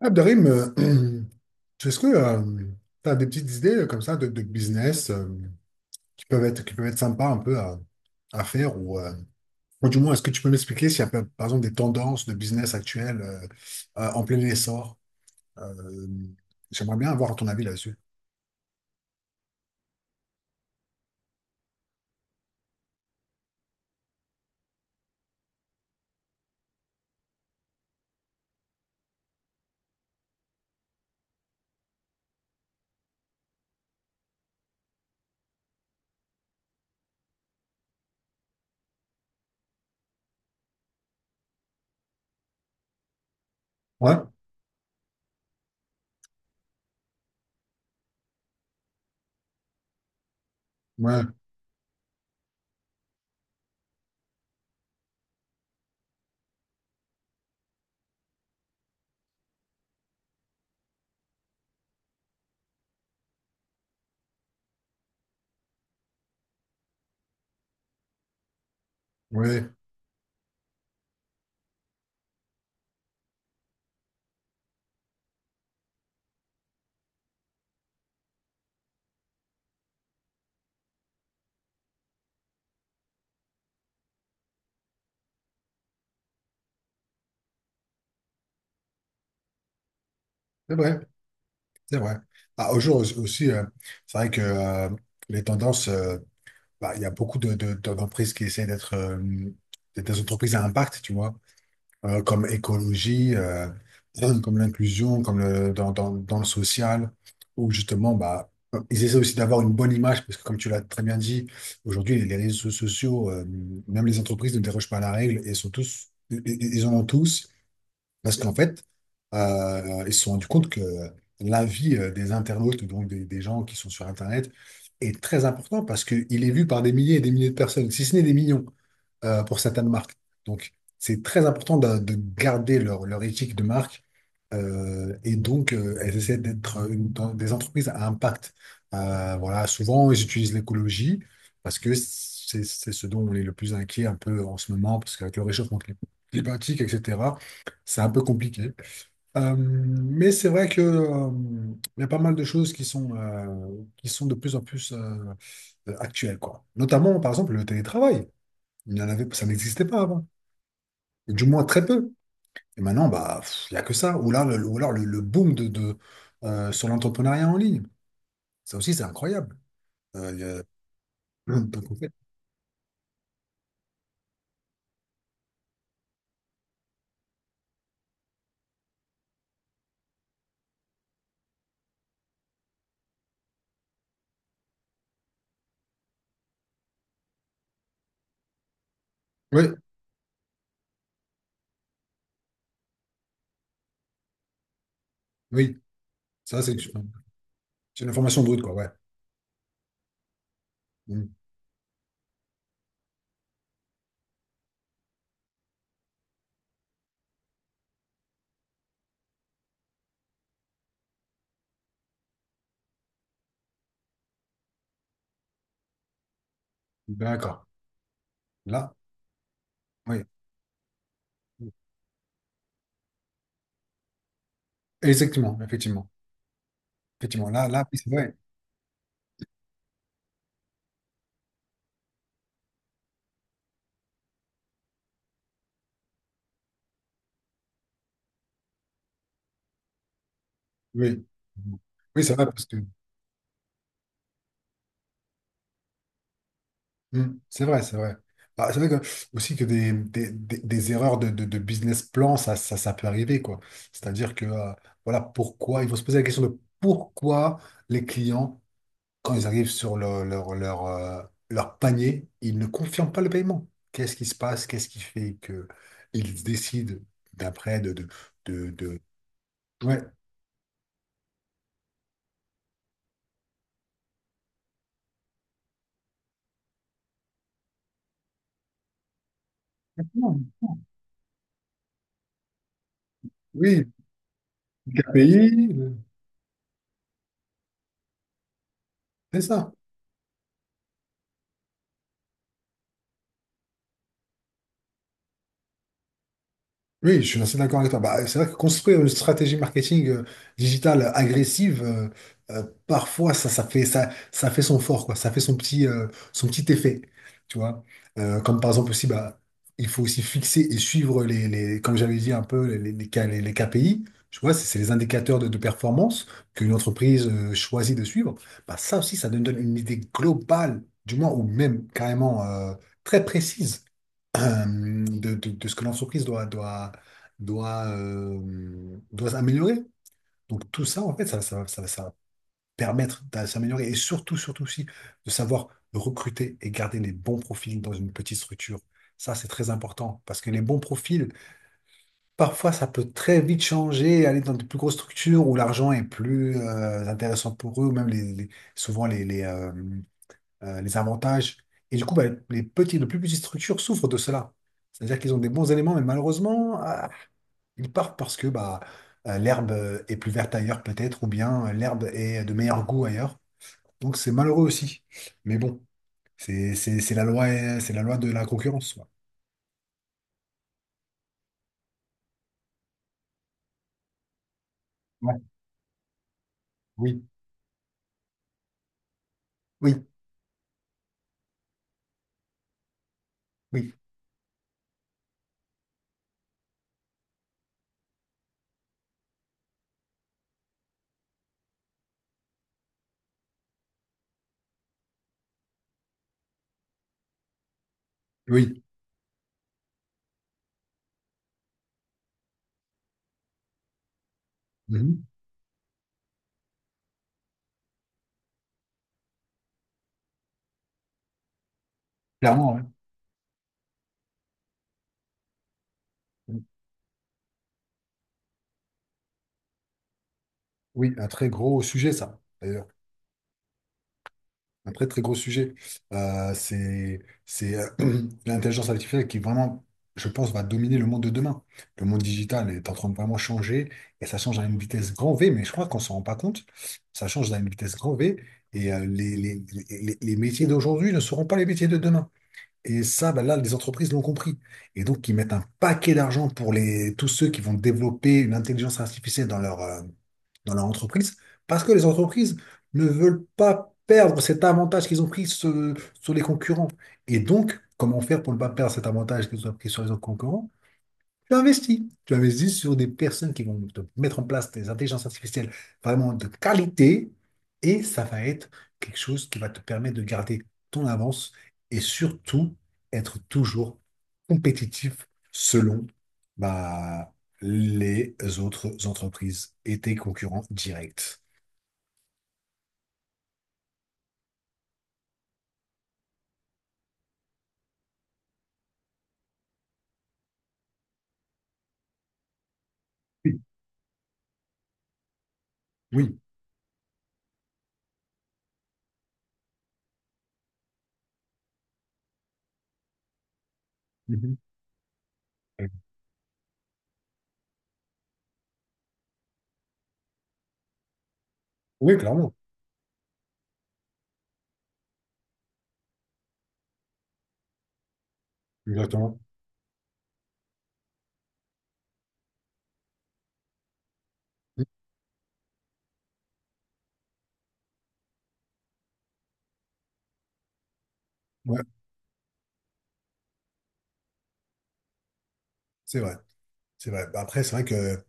Abderrahim, est-ce que tu as des petites idées comme ça de business qui peuvent être sympas un peu à faire ou du moins, est-ce que tu peux m'expliquer s'il y a par exemple des tendances de business actuelles en plein essor? Euh, J'aimerais bien avoir ton avis là-dessus. Ouais, ouais, ouais, c'est vrai, c'est vrai. Ah, aujourd'hui aussi, c'est vrai que les tendances, bah, il y a beaucoup d'entreprises qui essaient d'être des entreprises à impact, tu vois. Comme écologie, comme l'inclusion, dans le social, où justement, bah, ils essaient aussi d'avoir une bonne image, parce que comme tu l'as très bien dit, aujourd'hui, les réseaux sociaux, même les entreprises ne dérogent pas à la règle, et sont tous, ils en ont tous, parce qu'en fait, ils se sont rendus compte que l'avis des internautes, donc des gens qui sont sur Internet, est très important, parce qu'il est vu par des milliers et des milliers de personnes, si ce n'est des millions pour certaines marques. Donc, c'est très important de garder leur éthique de marque. Et donc, elles essaient d'être dans des entreprises à impact. Voilà, souvent, ils utilisent l'écologie parce que c'est ce dont on est le plus inquiet un peu en ce moment, parce qu'avec le réchauffement climatique, etc., c'est un peu compliqué. Mais c'est vrai que, il y a pas mal de choses qui sont de plus en plus actuelles, quoi. Notamment, par exemple, le télétravail. Il n'y en avait, ça n'existait pas avant. Et du moins très peu. Et maintenant, bah, pff, il n'y a que ça. Ou alors le boom sur l'entrepreneuriat en ligne. Ça aussi, c'est incroyable. Euh, il y a- peu qu'on fait. Oui, oui. Ça, c'est une information brute, quoi. Ouais. Mm. D'accord. Là, oui. Exactement, effectivement. Effectivement. Là, là, oui, c'est vrai. Oui. Mmh. Oui, c'est vrai, parce que. Mm. C'est vrai, c'est vrai. Ah, c'est vrai que, aussi que des erreurs de business plan, ça peut arriver, quoi. C'est-à-dire que, voilà, pourquoi, il faut se poser la question de pourquoi les clients, quand ils arrivent sur leur panier, ils ne confirment pas le paiement. Qu'est-ce qui se passe? Qu'est-ce qui fait que ils décident d'après de, de- Ouais. Oui, KPI, c'est ça. Oui, je suis assez d'accord avec toi. Bah, c'est vrai que construire une stratégie marketing digitale agressive, parfois ça fait son fort, quoi. Ça fait son petit effet, tu vois. Comme par exemple aussi, bah, il faut aussi fixer et suivre les comme j'avais dit un peu les KPI. Tu vois, c'est les indicateurs de performance qu'une entreprise choisit de suivre. Bah, ça aussi, ça nous donne une idée globale, du moins ou même carrément très précise de, de ce que l'entreprise doit améliorer. Donc tout ça, en fait, ça va permettre de s'améliorer et surtout, surtout aussi, de savoir recruter et garder les bons profils dans une petite structure. Ça, c'est très important parce que les bons profils, parfois, ça peut très vite changer, aller dans de plus grosses structures où l'argent est plus intéressant pour eux, même souvent les avantages. Et du coup, bah, les plus petites structures souffrent de cela. C'est-à-dire qu'ils ont des bons éléments, mais malheureusement, ah, ils partent parce que bah, l'herbe est plus verte ailleurs, peut-être, ou bien l'herbe est de meilleur goût ailleurs. Donc c'est malheureux aussi. Mais bon, c'est la loi, c'est la loi de la concurrence, quoi. Ouais, oui, oui, oui, oui. Mhm. Clairement, ouais. Oui, oui, un très gros sujet, ça, d'ailleurs. Après, très gros sujet, Euh, c'est c'est l'intelligence artificielle qui vraiment, je pense, va dominer le monde de demain. Le monde digital est en train de vraiment changer et ça change à une vitesse grand V, mais je crois qu'on s'en rend pas compte. Ça change à une vitesse grand V et les métiers d'aujourd'hui ne seront pas les métiers de demain. Et ça, ben là, les entreprises l'ont compris. Et donc, ils mettent un paquet d'argent pour tous ceux qui vont développer une intelligence artificielle dans leur entreprise, parce que les entreprises ne veulent pas perdre cet avantage qu'ils ont pris sur, sur les concurrents. Et donc, comment faire pour ne pas perdre cet avantage qu'ils ont pris sur les autres concurrents? Tu investis. Tu investis sur des personnes qui vont te mettre en place des intelligences artificielles vraiment de qualité et ça va être quelque chose qui va te permettre de garder ton avance et surtout être toujours compétitif selon bah, les autres entreprises et tes concurrents directs. Oui, oui. Mhm. Oui, clairement. Exactement. Ouais, c'est vrai. C'est vrai. Bah, après, c'est vrai que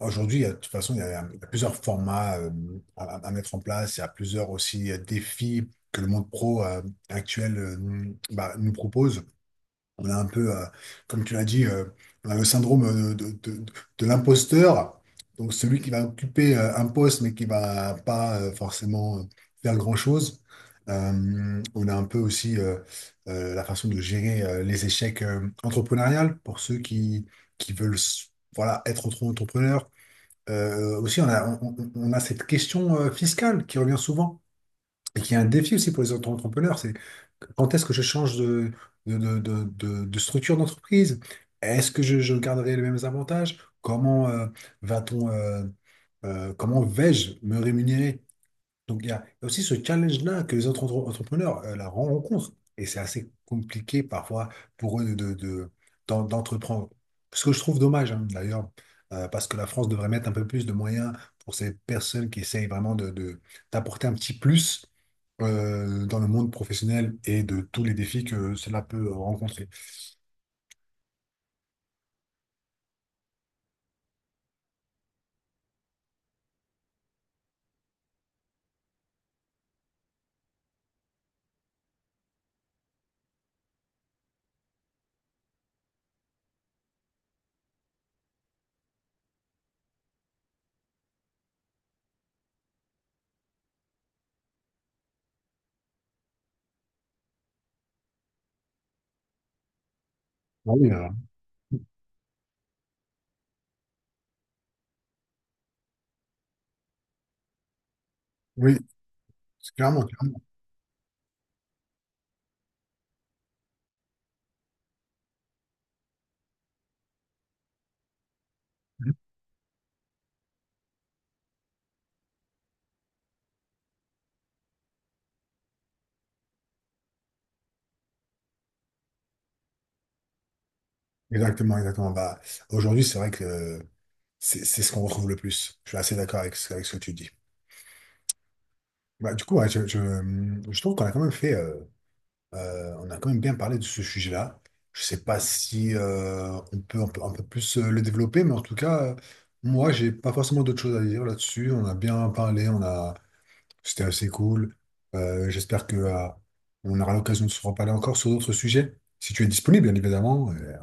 aujourd'hui, de toute façon, il y a plusieurs formats à mettre en place. Il y a plusieurs aussi défis que le monde pro actuel nous propose. On a un peu, comme tu l'as dit, on a le syndrome de l'imposteur. Donc celui qui va occuper un poste mais qui va pas forcément faire grand-chose. On a un peu aussi la façon de gérer les échecs entrepreneuriales pour ceux qui veulent voilà, être auto entrepreneurs aussi, on a cette question fiscale qui revient souvent et qui est un défi aussi pour les auto entrepreneurs. C'est quand est-ce que je change de, de- de- de structure d'entreprise? Est-ce que je garderai les mêmes avantages? Comment va-t-on, comment vais-je me rémunérer? Donc, il y a aussi ce challenge-là que les autres entrepreneurs la rencontrent. Et c'est assez compliqué parfois pour eux d'entreprendre. Ce que je trouve dommage, hein, d'ailleurs, parce que la France devrait mettre un peu plus de moyens pour ces personnes qui essayent vraiment d'apporter un petit plus dans le monde professionnel et de tous les défis que cela peut rencontrer. Ah oui, oui, clairement, clairement. Exactement, exactement. Bah, aujourd'hui, c'est vrai que c'est ce qu'on retrouve le plus. Je suis assez d'accord avec ce que tu dis. Bah, du coup, ouais, je trouve qu'on a quand même fait, on a quand même bien parlé de ce sujet-là. Je sais pas si on peut un peu plus le développer, mais en tout cas, moi, j'ai pas forcément d'autres choses à dire là-dessus. On a bien parlé, c'était assez cool. J'espère que on aura l'occasion de se reparler encore sur d'autres sujets, si tu es disponible, bien évidemment.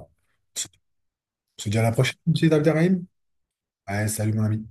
On se dit à la prochaine, monsieur Abderrahim. Allez, salut mon ami.